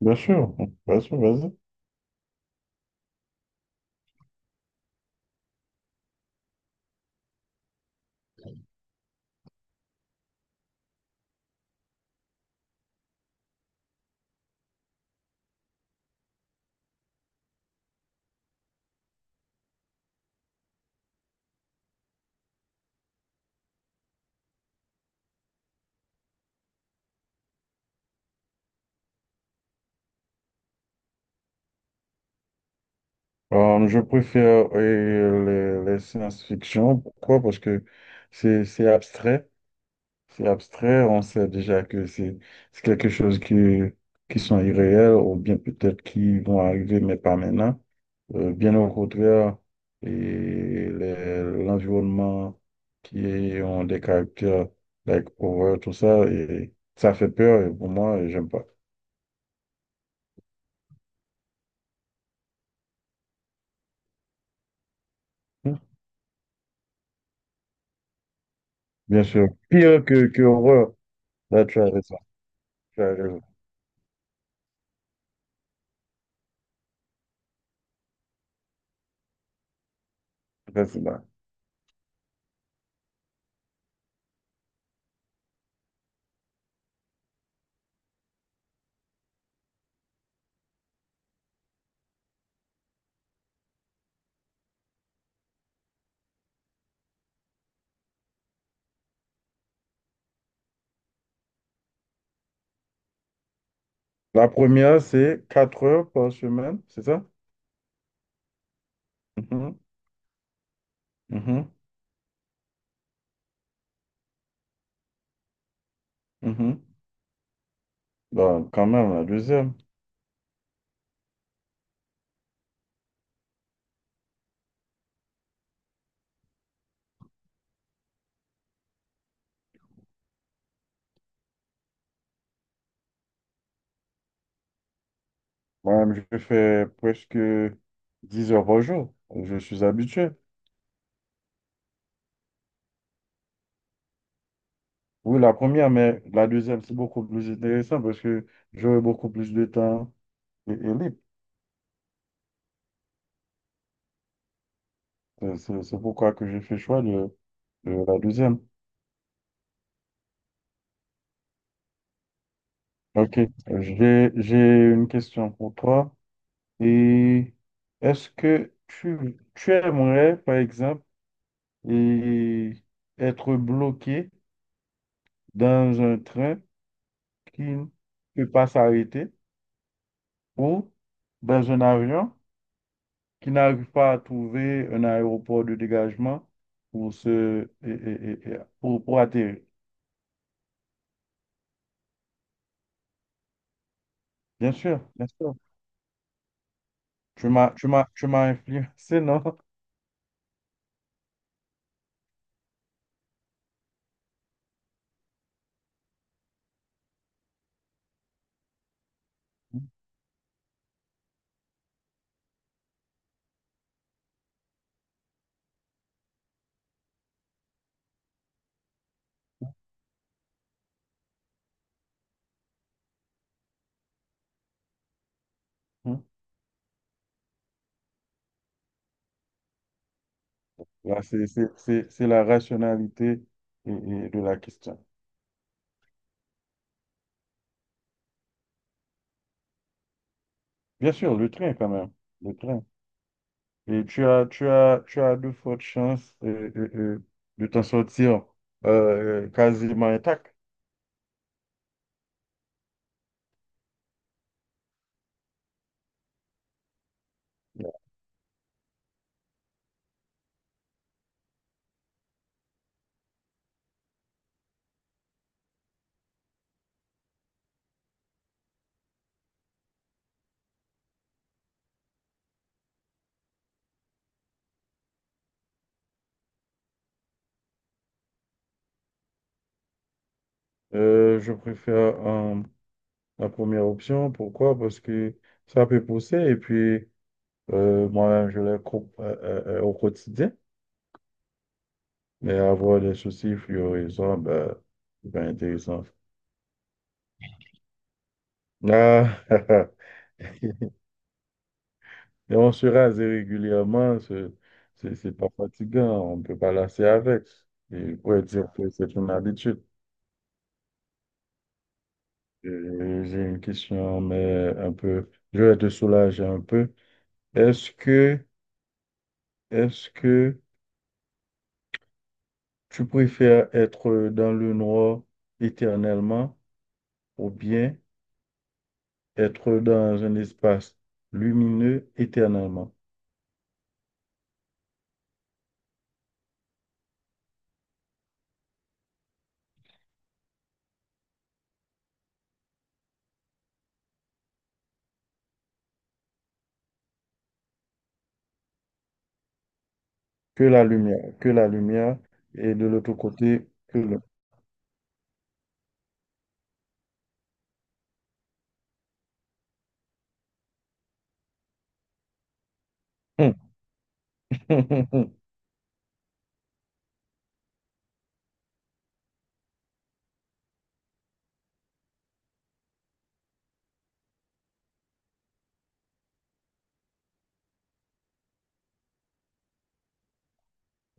Bien sûr, bien sûr, vas-y. Je préfère les science-fiction. Pourquoi? Parce que c'est abstrait. C'est abstrait. On sait déjà que c'est quelque chose qui sont irréels ou bien peut-être qui vont arriver, mais pas maintenant. Bien au contraire, et l'environnement ont des caractères, like horreur, tout ça, et ça fait peur. Et pour moi, j'aime pas. Hmm. Bien sûr. Pire que horreur. That's right. Tu raison. Vas-y, bah. La première, c'est 4 heures par semaine, c'est ça? Mhm, mhm, mhm. Bah, quand même, la deuxième. Moi-même, je fais presque 10 heures par jour. Je suis habitué. Oui, la première, mais la deuxième, c'est beaucoup plus intéressant parce que j'aurai beaucoup plus de temps et libre. C'est pourquoi que j'ai fait choix de la deuxième. OK. J'ai une question pour toi. Et est-ce que tu aimerais, par exemple, et être bloqué dans un train qui ne peut pas s'arrêter ou dans un avion qui n'arrive pas à trouver un aéroport de dégagement pour se, et- pour atterrir. Bien sûr, bien sûr. Tu m'as influencé, non? Hein? Là, c'est la rationalité et de la question. Bien sûr, le train quand même. Le train. Tu as de fortes chances de t'en sortir quasiment intact. Je préfère la première option. Pourquoi? Parce que ça peut pousser et puis moi, je les coupe au quotidien. Mais avoir des soucis fluorescents, ben, c'est pas intéressant. Ah, et on se rase régulièrement. C'est pas fatigant, on ne peut pas lasser avec. Et on pourrait dire que c'est une habitude. J'ai une question, mais un peu, je vais te soulager un peu. Est-ce que, est-ce que tu préfères être dans le noir éternellement ou bien être dans un espace lumineux éternellement? Que la lumière est de l'autre côté que le...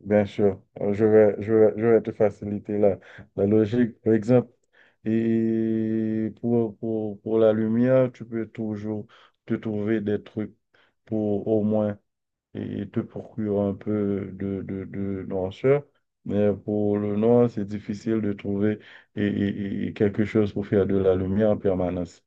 Bien sûr. Je vais te faciliter la, la logique. Par exemple, et pour la lumière, tu peux toujours te trouver des trucs pour au moins et te procurer un peu de noirceur. Mais pour le noir, c'est difficile de trouver et quelque chose pour faire de la lumière en permanence.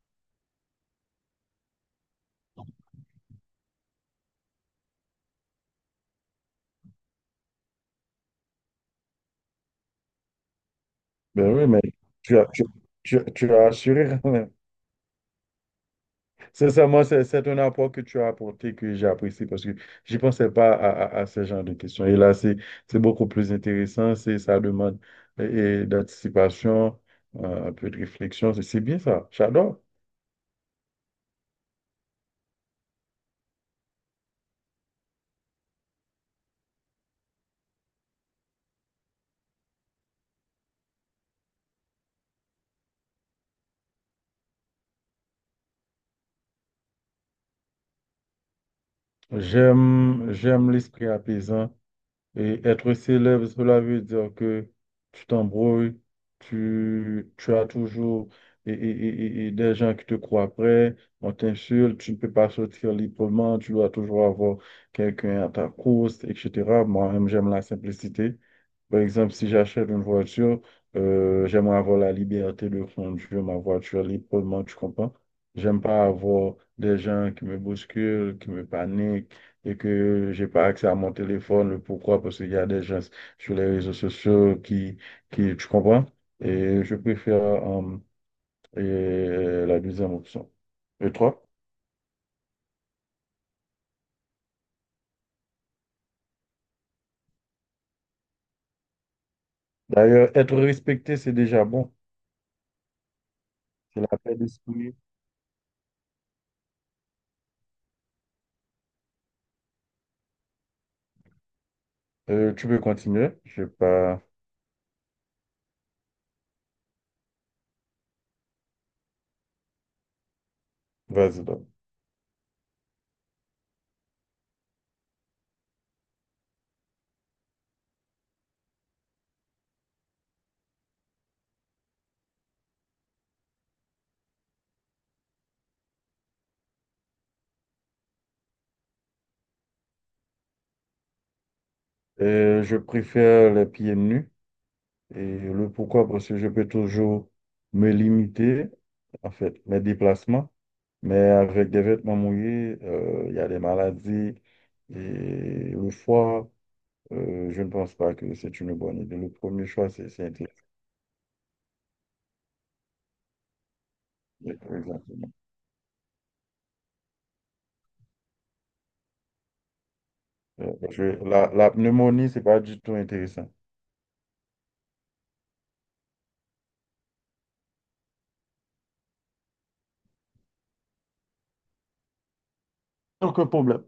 Ben oui, mais tu as, tu, tu as assuré. Sincèrement, c'est un apport que tu as apporté que j'apprécie parce que je pensais pas à, à ce genre de questions. Et là, c'est beaucoup plus intéressant, c'est ça demande d'anticipation, un peu de réflexion. C'est bien ça, j'adore. J'aime l'esprit apaisant. Et être célèbre, cela veut dire que tu t'embrouilles, tu as toujours et des gens qui te croient prêt, on t'insulte, tu ne peux pas sortir librement, tu dois toujours avoir quelqu'un à ta course, etc. Moi-même, j'aime la simplicité. Par exemple, si j'achète une voiture, j'aimerais avoir la liberté de conduire ma voiture librement, tu comprends? J'aime pas avoir des gens qui me bousculent, qui me paniquent et que j'ai pas accès à mon téléphone. Pourquoi? Parce qu'il y a des gens sur les réseaux sociaux qui, tu comprends? Et je préfère et la deuxième option. Et toi? D'ailleurs, être respecté, c'est déjà bon. C'est la paix d'esprit. Tu peux continuer. Je pas. Vas-y donc. Je préfère les pieds nus. Et le pourquoi? Parce que je peux toujours me limiter, en fait, mes déplacements. Mais avec des vêtements mouillés, il y a des maladies. Et le foie, je ne pense pas que c'est une bonne idée. Le premier choix, c'est intéressant. Exactement. Parce que la pneumonie, c'est pas du tout intéressant. Aucun problème.